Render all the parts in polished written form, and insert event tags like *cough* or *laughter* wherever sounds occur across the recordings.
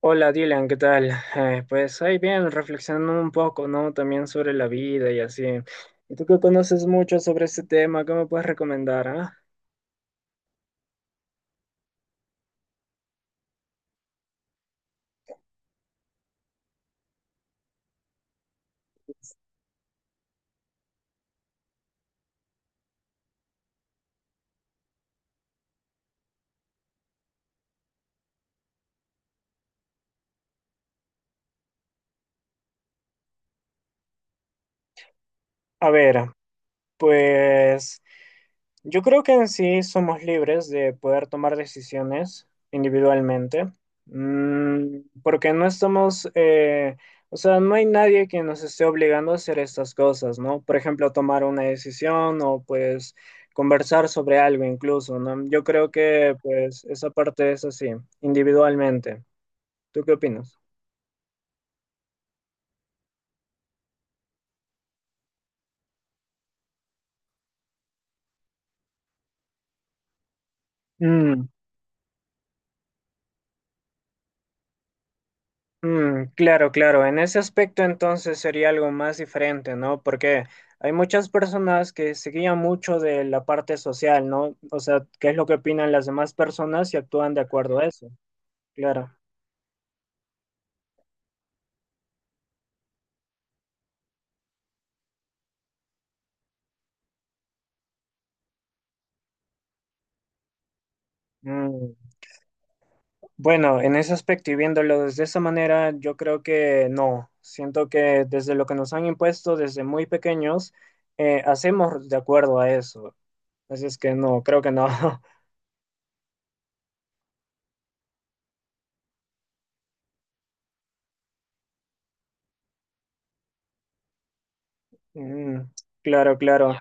Hola Dylan, ¿qué tal? Pues ahí bien, reflexionando un poco, ¿no? También sobre la vida y así. ¿Y tú que conoces mucho sobre este tema? ¿Qué me puedes recomendar, ah? A ver, pues yo creo que en sí somos libres de poder tomar decisiones individualmente, porque no estamos, o sea, no hay nadie que nos esté obligando a hacer estas cosas, ¿no? Por ejemplo, tomar una decisión o pues conversar sobre algo incluso, ¿no? Yo creo que pues esa parte es así, individualmente. ¿Tú qué opinas? Mm. Mm, claro, claro. En ese aspecto entonces sería algo más diferente, ¿no? Porque hay muchas personas que se guían mucho de la parte social, ¿no? O sea, qué es lo que opinan las demás personas y actúan de acuerdo a eso. Claro. Mm, bueno, en ese aspecto y viéndolo desde esa manera, yo creo que no. Siento que desde lo que nos han impuesto desde muy pequeños, hacemos de acuerdo a eso. Así es que no, creo que no. *laughs* Mm, claro, claro.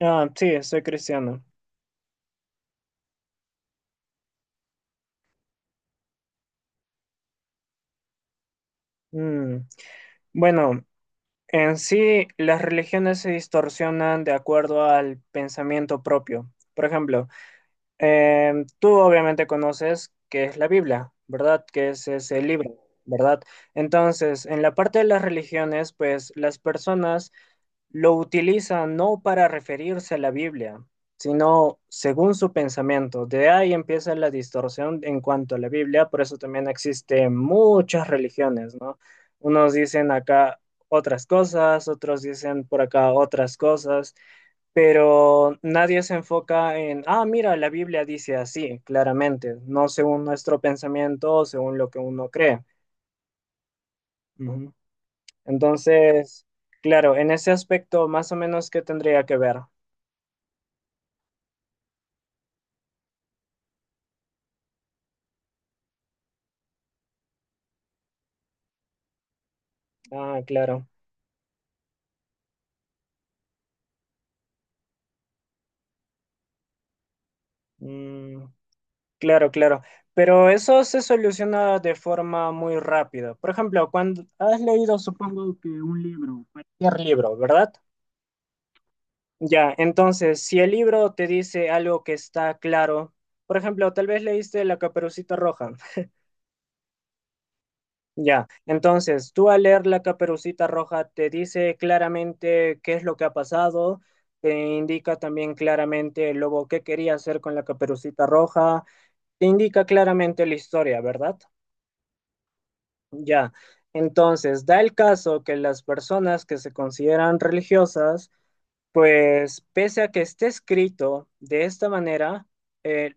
Ah, sí, soy cristiano. Mm, bueno, en sí las religiones se distorsionan de acuerdo al pensamiento propio. Por ejemplo, tú obviamente conoces que es la Biblia, ¿verdad? Que es ese libro, ¿verdad? Entonces, en la parte de las religiones, pues las personas lo utiliza no para referirse a la Biblia, sino según su pensamiento. De ahí empieza la distorsión en cuanto a la Biblia, por eso también existen muchas religiones, ¿no? Unos dicen acá otras cosas, otros dicen por acá otras cosas, pero nadie se enfoca en, ah, mira, la Biblia dice así, claramente, no según nuestro pensamiento, o según lo que uno cree. Ujú. Entonces, claro, en ese aspecto, más o menos, ¿qué tendría que ver? Ah, claro. Mm, claro, claro. Pero eso se soluciona de forma muy rápida. Por ejemplo, cuando has leído, supongo que un libro, cualquier libro, ¿verdad? Ya, entonces, si el libro te dice algo que está claro, por ejemplo, tal vez leíste La Caperucita Roja. *laughs* Ya, entonces, tú al leer La Caperucita Roja te dice claramente qué es lo que ha pasado, te indica también claramente el lobo qué quería hacer con la Caperucita Roja. Te indica claramente la historia, ¿verdad? Ya. Entonces, da el caso que las personas que se consideran religiosas, pues pese a que esté escrito de esta manera, eh,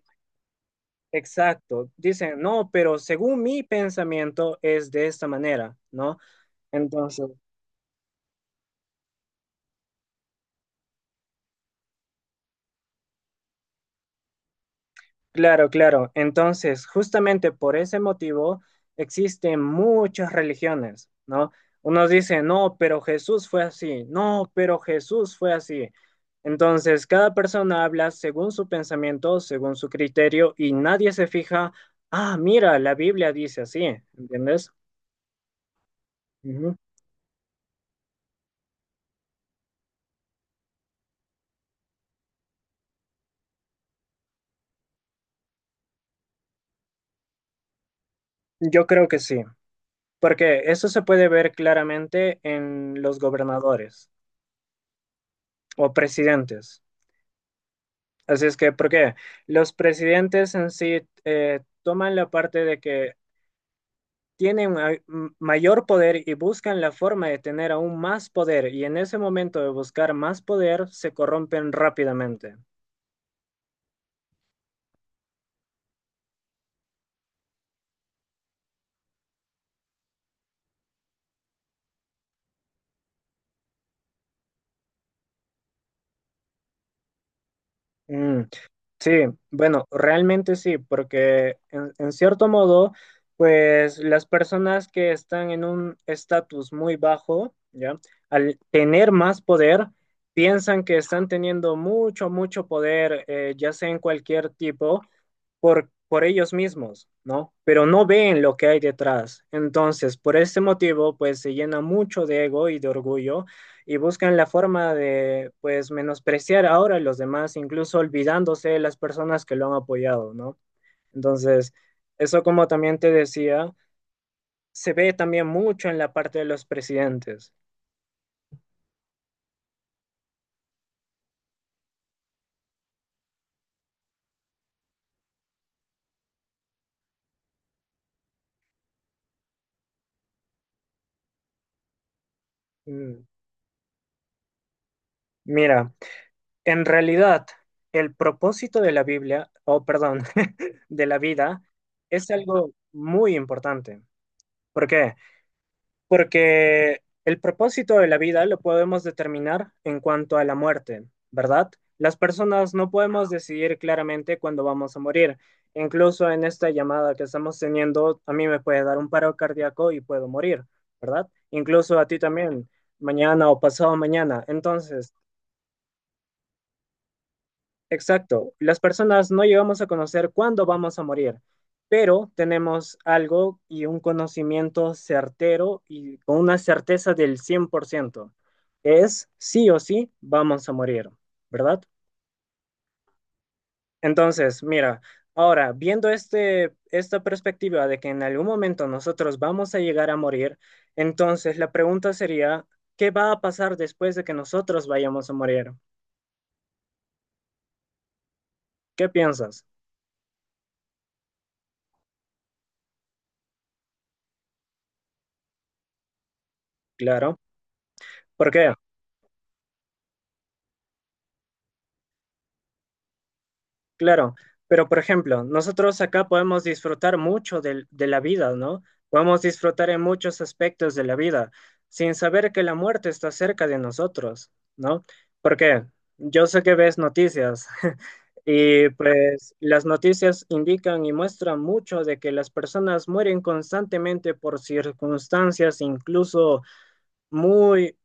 exacto, dicen, no, pero según mi pensamiento es de esta manera, ¿no? Entonces, claro, claro. Entonces, justamente por ese motivo existen muchas religiones, ¿no? Unos dicen, no, pero Jesús fue así, no, pero Jesús fue así. Entonces, cada persona habla según su pensamiento, según su criterio, y nadie se fija, ah, mira, la Biblia dice así, ¿entiendes? Ujú. Yo creo que sí, porque eso se puede ver claramente en los gobernadores o presidentes. Así es que, porque los presidentes en sí toman la parte de que tienen mayor poder y buscan la forma de tener aún más poder, y en ese momento de buscar más poder se corrompen rápidamente. Mm. Sí, bueno, realmente sí, porque en cierto modo, pues las personas que están en un estatus muy bajo, ¿ya? Al tener más poder, piensan que están teniendo mucho, mucho poder, ya sea en cualquier tipo, por ellos mismos, ¿no? Pero no ven lo que hay detrás. Entonces, por ese motivo, pues se llena mucho de ego y de orgullo y buscan la forma de, pues, menospreciar ahora a los demás, incluso olvidándose de las personas que lo han apoyado, ¿no? Entonces, eso como también te decía, se ve también mucho en la parte de los presidentes. Mm, mira, en realidad, el propósito de la Biblia, o perdón, *laughs* de la vida, es algo muy importante. ¿Por qué? Porque el propósito de la vida lo podemos determinar en cuanto a la muerte, ¿verdad? Las personas no podemos decidir claramente cuándo vamos a morir. Incluso en esta llamada que estamos teniendo, a mí me puede dar un paro cardíaco y puedo morir, ¿verdad? Incluso a ti también, mañana o pasado mañana. Entonces, exacto, las personas no llegamos a conocer cuándo vamos a morir, pero tenemos algo y un conocimiento certero y con una certeza del 100%. Es sí o sí vamos a morir, ¿verdad? Entonces, mira, ahora viendo este, esta perspectiva de que en algún momento nosotros vamos a llegar a morir, entonces la pregunta sería, ¿qué va a pasar después de que nosotros vayamos a morir? ¿Qué piensas? Claro. ¿Por qué? Claro, pero por ejemplo, nosotros acá podemos disfrutar mucho de la vida, ¿no? Podemos disfrutar en muchos aspectos de la vida sin saber que la muerte está cerca de nosotros, ¿no? Porque yo sé que ves noticias *laughs* y pues las noticias indican y muestran mucho de que las personas mueren constantemente por circunstancias incluso muy,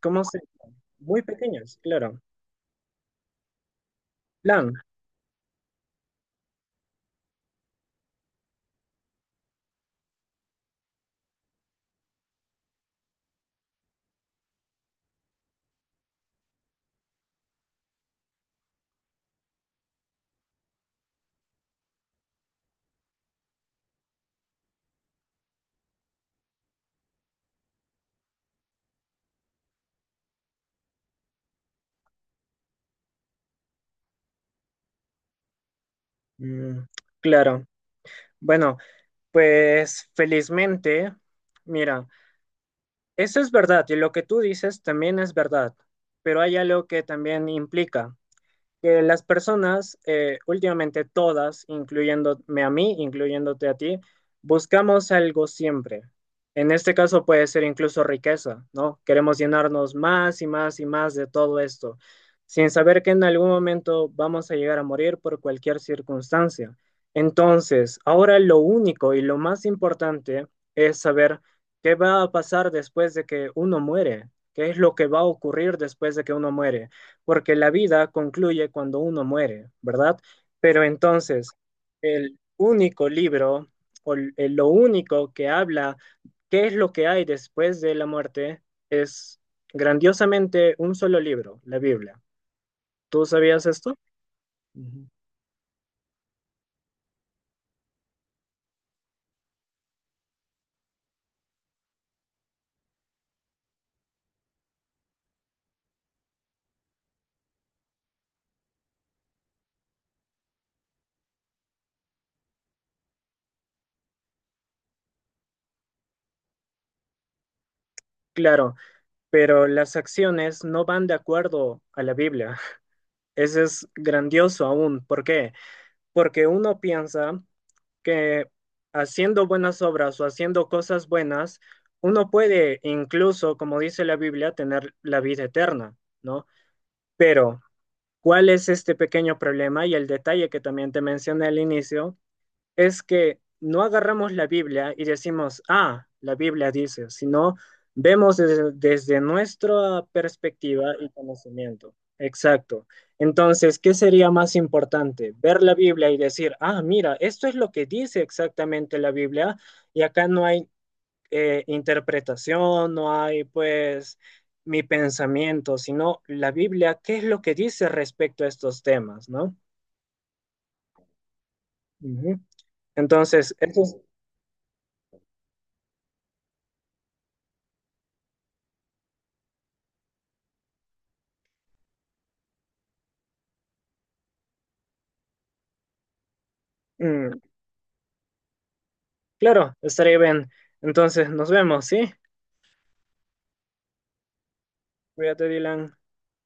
¿cómo se? Muy pequeñas, claro. Plan, mm, claro. Bueno. Pues felizmente, mira, eso es verdad y lo que tú dices también es verdad, pero hay algo que también implica que las personas, últimamente todas, incluyéndome a mí, incluyéndote a ti, buscamos algo siempre. En este caso puede ser incluso riqueza, ¿no? Queremos llenarnos más y más y más de todo esto, sin saber que en algún momento vamos a llegar a morir por cualquier circunstancia. Entonces, ahora lo único y lo más importante es saber qué va a pasar después de que uno muere, qué es lo que va a ocurrir después de que uno muere porque la vida concluye cuando uno muere, ¿verdad? Pero entonces, el único libro lo único que habla qué es lo que hay después de la muerte es grandiosamente un solo libro, la Biblia. ¿Tú sabías esto? Ujú. Claro, pero las acciones no van de acuerdo a la Biblia. *laughs* Eso es grandioso aún. ¿Por qué? Porque uno piensa que haciendo buenas obras o haciendo cosas buenas, uno puede incluso, como dice la Biblia, tener la vida eterna, ¿no? Pero, ¿cuál es este pequeño problema? Y el detalle que también te mencioné al inicio es que no agarramos la Biblia y decimos, ah, la Biblia dice, sino vemos desde nuestra perspectiva y conocimiento. Exacto. Entonces, ¿qué sería más importante? Ver la Biblia y decir, ah, mira, esto es lo que dice exactamente la Biblia y acá no hay interpretación, no hay pues mi pensamiento, sino la Biblia, ¿qué es lo que dice respecto a estos temas, no? Ujú. Entonces, eso es, mm, claro, estaré bien. Entonces, nos vemos, ¿sí? Cuídate, Dylan.